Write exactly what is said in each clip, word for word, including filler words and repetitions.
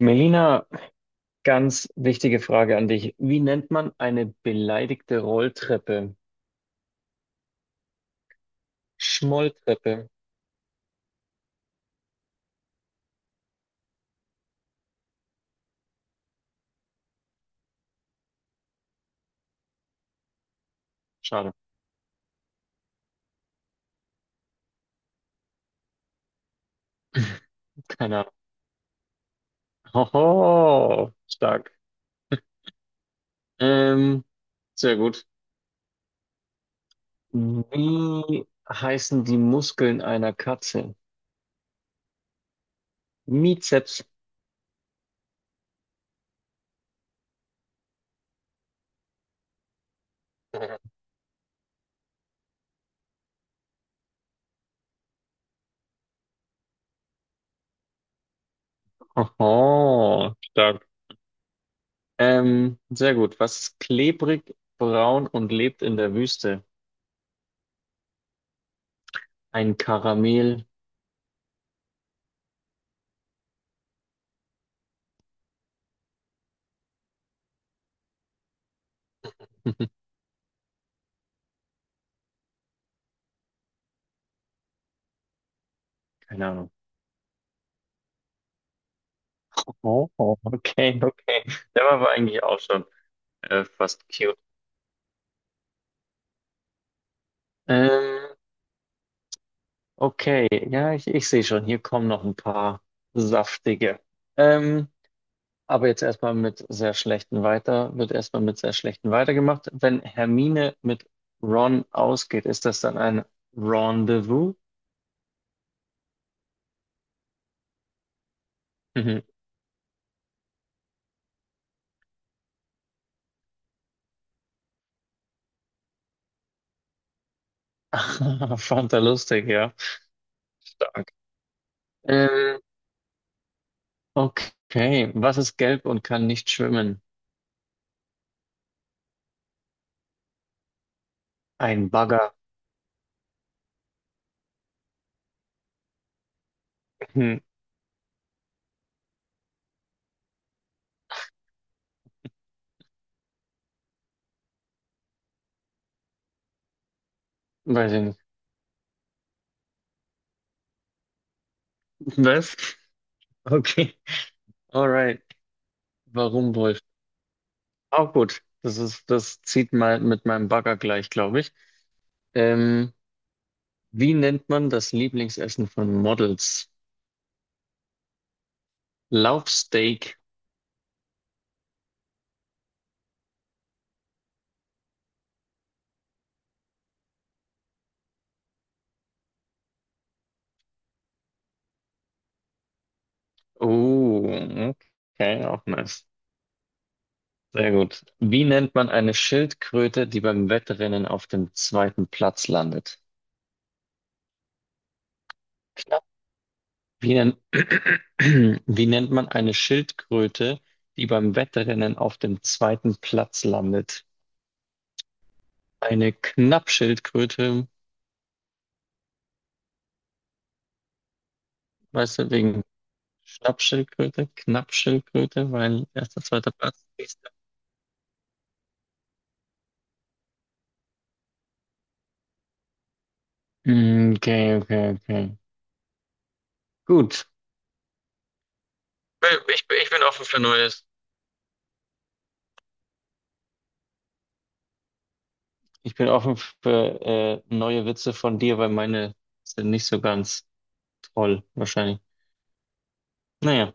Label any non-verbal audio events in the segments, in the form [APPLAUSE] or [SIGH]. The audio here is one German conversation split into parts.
Melina, ganz wichtige Frage an dich. Wie nennt man eine beleidigte Rolltreppe? Schmolltreppe. Schade. [LAUGHS] Keine Ahnung. Hoho, stark. Ähm, sehr gut. Wie heißen die Muskeln einer Katze? Mizeps. [LAUGHS] Hoho, stark. Ähm, sehr gut. Was ist klebrig, braun und lebt in der Wüste? Ein Karamell. [LAUGHS] Keine Ahnung. Oh, oh, okay, okay. Der war aber eigentlich auch schon äh, fast cute. Ähm, okay, ja, ich, ich sehe schon, hier kommen noch ein paar saftige. Ähm, aber jetzt erstmal mit sehr schlechten weiter, wird erstmal mit sehr schlechten weitergemacht. Wenn Hermine mit Ron ausgeht, ist das dann ein Rendezvous? Mhm. [LAUGHS] Fand er lustig, ja. Stark. Ähm, okay, was ist gelb und kann nicht schwimmen? Ein Bagger. Hm, weiß ich nicht. Was? Okay, alright. Warum Wolf? Auch gut. Das ist, das zieht mal mit meinem Bagger gleich, glaube ich. Ähm, wie nennt man das Lieblingsessen von Models? Laufsteak. Oh, okay, auch nice. Sehr gut. Wie nennt man eine Schildkröte, die beim Wettrennen auf dem zweiten Platz landet? Knapp. Wie nennt, [CLEARS THROAT] wie nennt man eine Schildkröte, die beim Wettrennen auf dem zweiten Platz landet? Eine Knappschildkröte. Weißt du, wegen Stabschildkröte, Knappschildkröte, weil erster, zweiter Platz. Nächster. Mm, Okay, okay, okay. Gut. Ich, bin- ich bin offen für Neues. Ich bin offen für äh, neue Witze von dir, weil meine sind nicht so ganz toll, wahrscheinlich. Naja.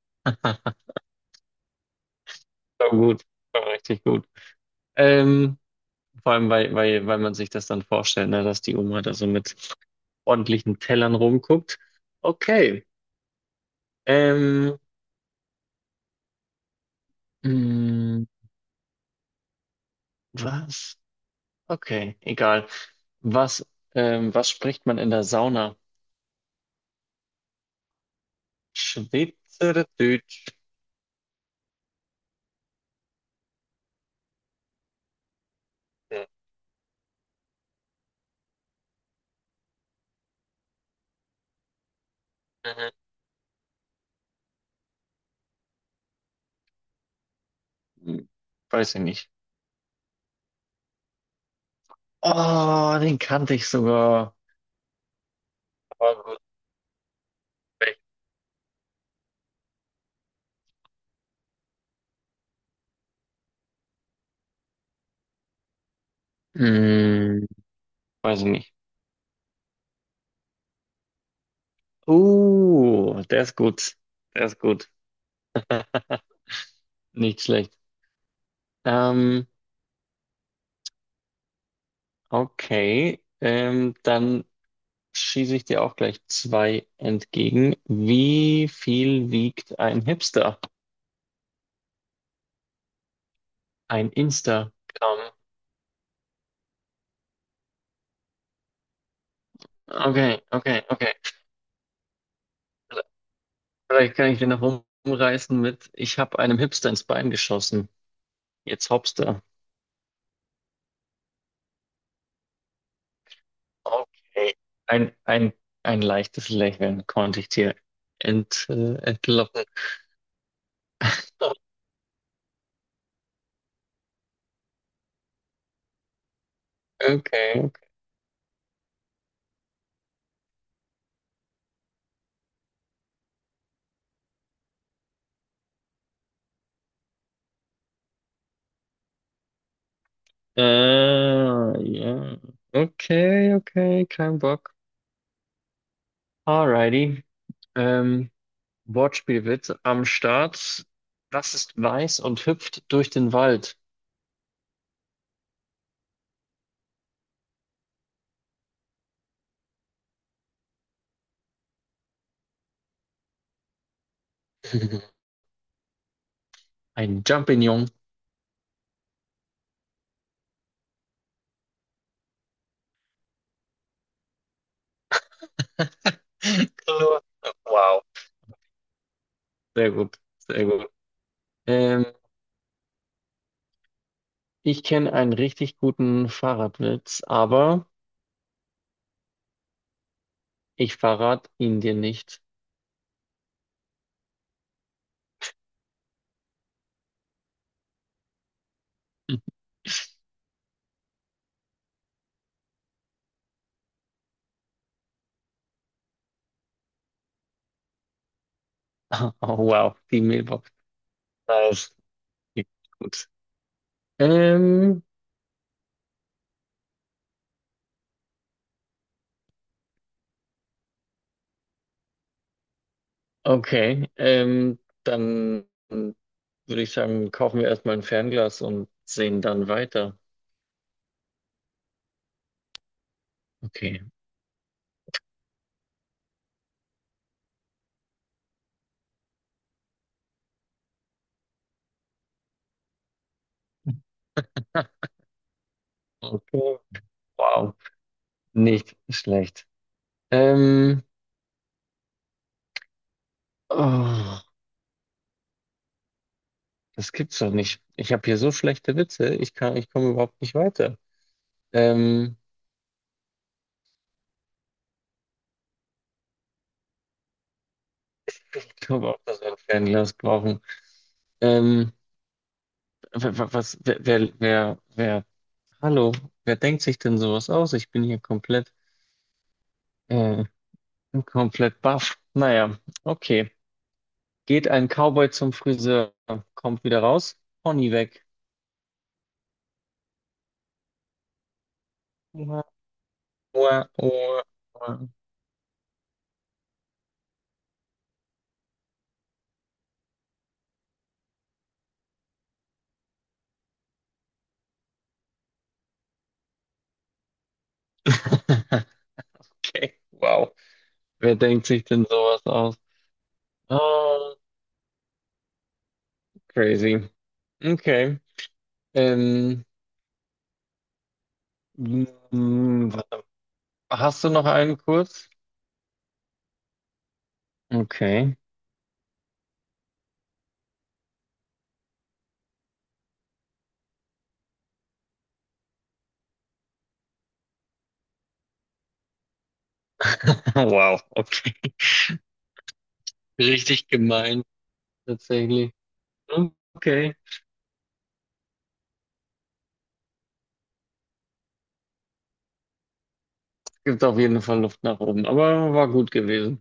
[LAUGHS] War gut, war richtig gut. Ähm, vor allem, weil, weil, weil man sich das dann vorstellt, ne, dass die Oma da so mit ordentlichen Tellern rumguckt. Okay. Ähm, mh, was? Okay, egal. Was, ähm, was spricht man in der Sauna? Schweizerdeutsch. Mhm. Weiß ich nicht. Oh, den kannte ich sogar. Aber gut, weg. Hm, weiß ich nicht. Uh, der ist gut. Der ist gut. [LAUGHS] Nicht schlecht. Ähm, okay, ähm, dann schieße ich dir auch gleich zwei entgegen. Wie viel wiegt ein Hipster? Ein Instagram. Okay, okay, okay. Vielleicht kann ich den noch um- umreißen mit, ich habe einem Hipster ins Bein geschossen. Jetzt Hopster. Okay. Ein, ein, ein leichtes Lächeln konnte ich dir ent, äh, entlocken. Okay. Okay. Äh, ja. Okay, okay, kein Bock. Alrighty. Ähm, Wortspielwitz am Start. Was ist weiß und hüpft durch den Wald? [LAUGHS] Ein Jumping. [LAUGHS] Nur- wow, sehr gut, sehr gut. Ähm, ich kenne einen richtig guten Fahrradwitz, aber ich verrate ihn dir nicht. [LAUGHS] Oh, wow, die Mailbox. Nice. Gut. Ähm, okay, ähm, dann würde ich sagen, kaufen wir erstmal ein Fernglas und sehen dann weiter. Okay. [LAUGHS] Okay. Wow, nicht schlecht. Ähm, oh. Das gibt's doch nicht. Ich habe hier so schlechte Witze, ich kann, ich komme überhaupt nicht weiter. Ähm, ich glaube auch, dass wir ein Fernglas brauchen. Ähm, wa- wa- was, wer, wer, wer, wer, hallo, wer denkt sich denn sowas aus? Ich bin hier komplett, äh, komplett baff. Naja, okay. Geht ein Cowboy zum Friseur, kommt wieder raus, Pony weg. Oha, oha, oha, oha. [LAUGHS] Okay, wow. Wer denkt sich denn sowas aus? Oh, crazy. Okay. Ähm, mm, warte. Hast du noch einen kurz? Okay. [LAUGHS] Wow, okay. Richtig gemein, tatsächlich. Okay. Gibt auf jeden Fall Luft nach oben, aber war gut gewesen.